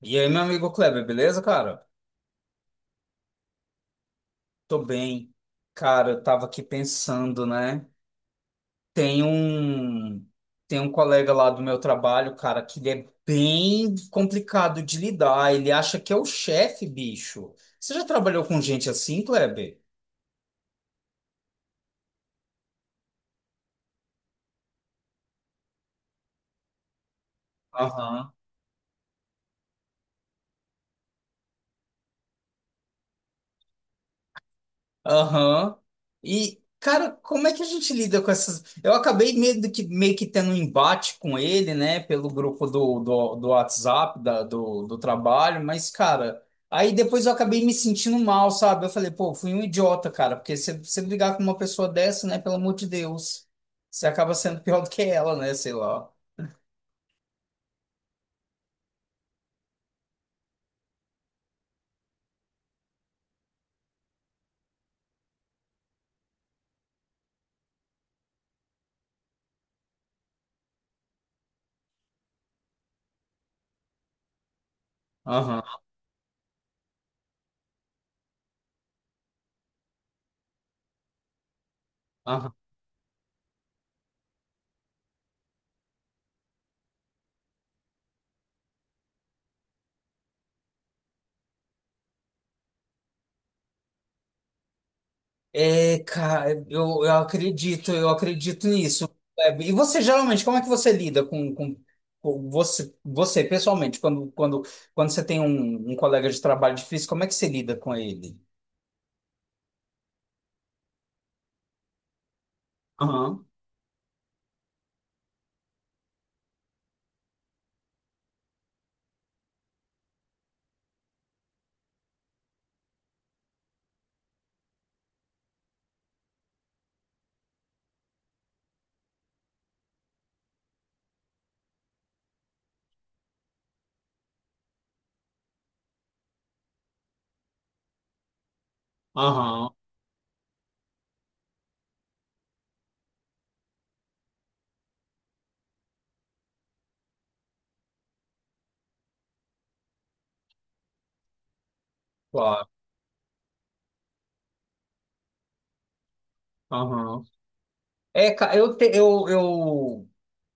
E aí, meu amigo Kleber, beleza, cara? Tô bem. Cara, eu tava aqui pensando, né? Tem um Tem um colega lá do meu trabalho, cara, que ele é bem complicado de lidar. Ele acha que é o chefe, bicho. Você já trabalhou com gente assim, Kleber? Aham. Aham. E, cara, como é que a gente lida com essas. Eu acabei meio que tendo um embate com ele, né, pelo grupo do WhatsApp, do trabalho, mas, cara, aí depois eu acabei me sentindo mal, sabe? Eu falei, pô, fui um idiota, cara, porque se você brigar com uma pessoa dessa, né, pelo amor de Deus, você acaba sendo pior do que ela, né, sei lá. Aham, aham. É, cara, eu acredito, eu acredito nisso. É, e você, geralmente, como é que você lida com você, pessoalmente, quando você tem um colega de trabalho difícil, como é que você lida com ele? Aham, aham, claro, aham. É, cara, eu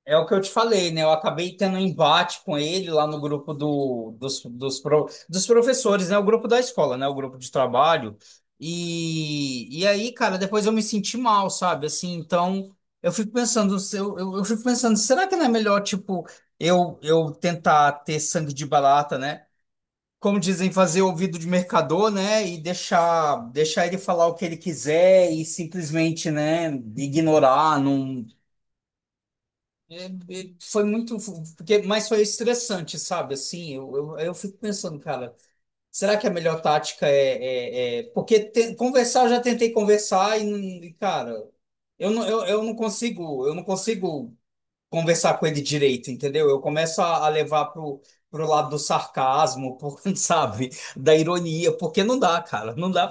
é o que eu te falei, né? Eu acabei tendo um embate com ele lá no grupo do, dos, dos, pro- dos professores, né? O grupo da escola, né? O grupo de trabalho. E aí, cara, depois eu me senti mal, sabe? Assim, então eu fico pensando, se eu fico pensando, será que não é melhor, tipo, eu tentar ter sangue de barata, né? Como dizem, fazer ouvido de mercador, né? E deixar ele falar o que ele quiser e simplesmente, né, ignorar, não. Foi muito, porque, mas foi estressante, sabe? Assim, eu fico pensando, cara, será que a melhor tática é conversar? Eu já tentei conversar e, cara, eu não consigo, eu não consigo conversar com ele direito, entendeu? Eu começo a levar pro lado do sarcasmo, sabe? Da ironia, porque não dá, cara, não dá,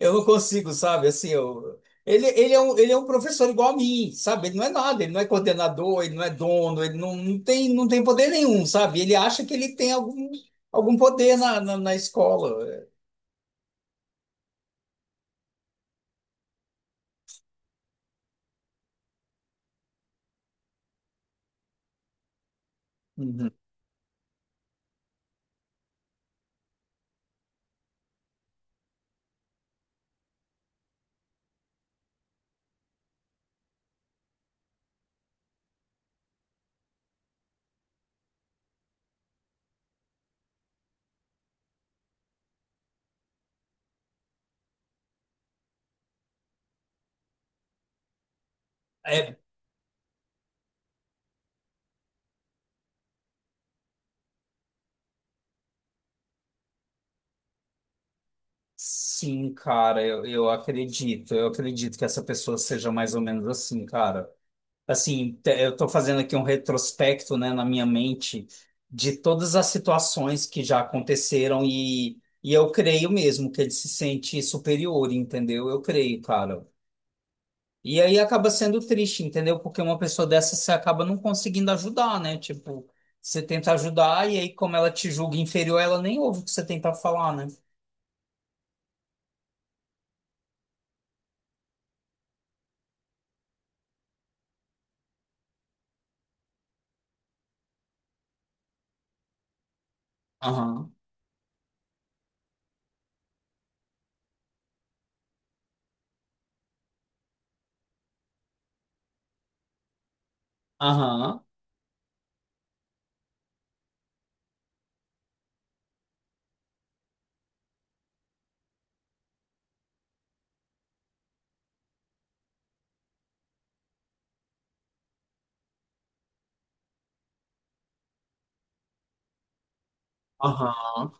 eu não consigo, sabe? Assim, eu... ele é um professor igual a mim, sabe? Ele não é nada, ele não é coordenador, ele não é dono, ele não, não tem poder nenhum, sabe? Ele acha que ele tem algum poder na escola. Uhum. É, sim, cara, eu acredito. Eu acredito que essa pessoa seja mais ou menos assim, cara. Assim, eu estou fazendo aqui um retrospecto, né, na minha mente de todas as situações que já aconteceram, e eu creio mesmo que ele se sente superior, entendeu? Eu creio, cara. E aí acaba sendo triste, entendeu? Porque uma pessoa dessa você acaba não conseguindo ajudar, né? Tipo, você tenta ajudar e aí como ela te julga inferior, ela nem ouve o que você tem para falar, né? Aham, aham, aham.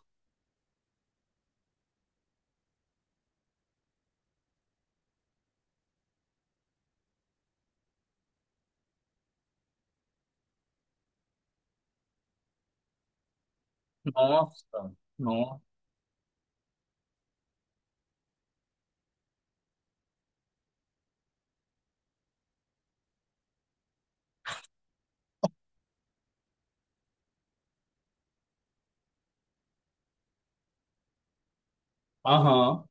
Nossa, nossa. Aham.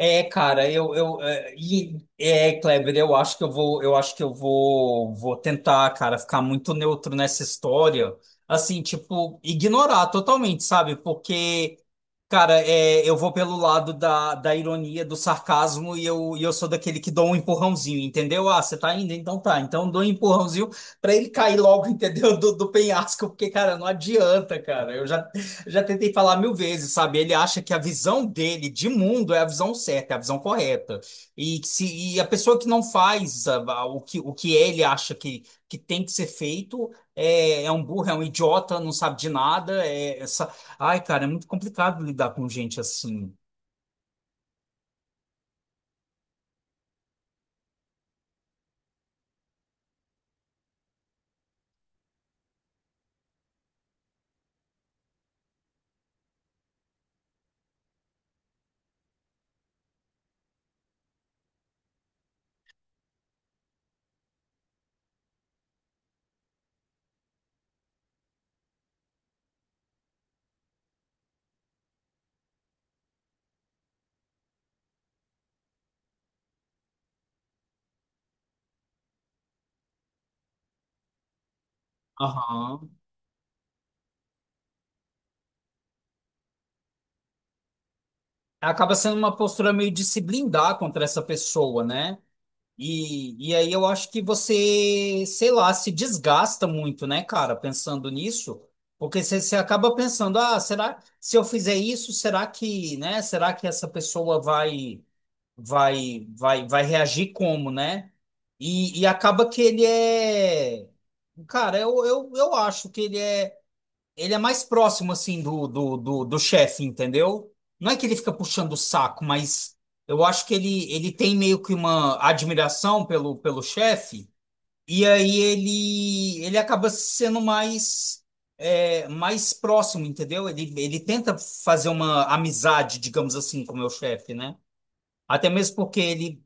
É, cara, eu é, e- é, Kleber, eu acho que eu vou, eu acho que eu vou, vou tentar, cara, ficar muito neutro nessa história, assim, tipo, ignorar totalmente, sabe? Porque, cara, é, eu vou pelo lado da ironia, do sarcasmo, e eu sou daquele que dou um empurrãozinho, entendeu? Ah, você tá indo? Então tá. Então dou um empurrãozinho pra ele cair logo, entendeu? Do penhasco, porque, cara, não adianta, cara. Eu já Já tentei falar mil vezes, sabe? Ele acha que a visão dele de mundo é a visão certa, é a visão correta. E, que se, e a pessoa que não faz o que ele acha que tem que ser feito é, é um burro, é um idiota, não sabe de nada. É essa... Ai, cara, é muito complicado lidar com gente assim. Aham. Acaba sendo uma postura meio de se blindar contra essa pessoa, né? E aí eu acho que você, sei lá, se desgasta muito, né, cara, pensando nisso, porque você acaba pensando, ah, será, se eu fizer isso, será que, né, será que essa pessoa vai reagir como, né? E acaba que ele é, cara, eu acho que ele é, ele é mais próximo, assim, do chefe, entendeu? Não é que ele fica puxando o saco, mas eu acho que ele tem meio que uma admiração pelo, pelo chefe, e aí ele acaba sendo mais, é, mais próximo, entendeu? Ele tenta fazer uma amizade, digamos assim, com o meu chefe, né? Até mesmo porque ele,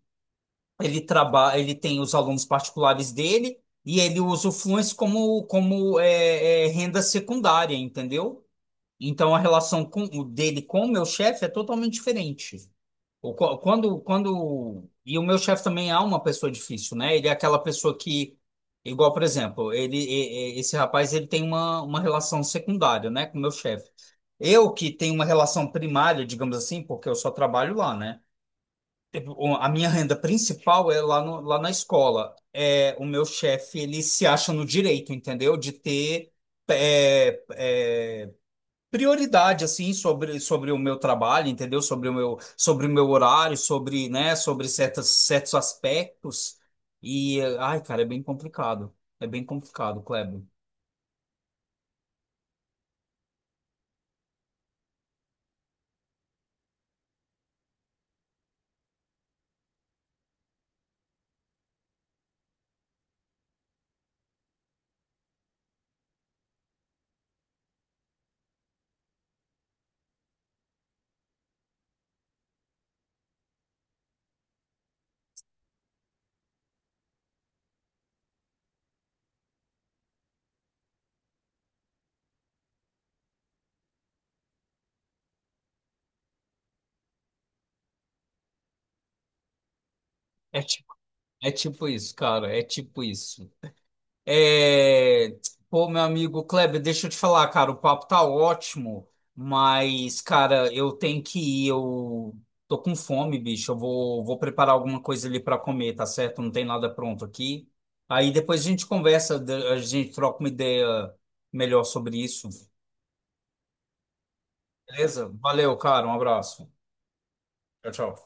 ele trabalha, ele tem os alunos particulares dele, e ele usa o Fluence como, como é, é, renda secundária, entendeu? Então a relação o dele com o meu chefe é totalmente diferente. Quando, quando, e o meu chefe também é uma pessoa difícil, né? Ele é aquela pessoa que, igual, por exemplo, esse rapaz, ele tem uma relação secundária, né, com o meu chefe. Eu que tenho uma relação primária, digamos assim, porque eu só trabalho lá, né? Tipo, a minha renda principal é lá, no, lá na escola. É, o meu chefe, ele se acha no direito, entendeu? De ter é, é, prioridade assim sobre o meu trabalho, entendeu? Sobre o meu horário, sobre, né, sobre certos aspectos. E ai, cara, é bem complicado. É bem complicado, Kleber. É tipo, é tipo isso, cara, é tipo isso. É... Pô, meu amigo Kleber, deixa eu te falar, cara, o papo tá ótimo, mas, cara, eu tenho que ir, eu tô com fome, bicho, vou preparar alguma coisa ali pra comer, tá certo? Não tem nada pronto aqui. Aí depois a gente conversa, a gente troca uma ideia melhor sobre isso, beleza? Valeu, cara, um abraço. Tchau, tchau.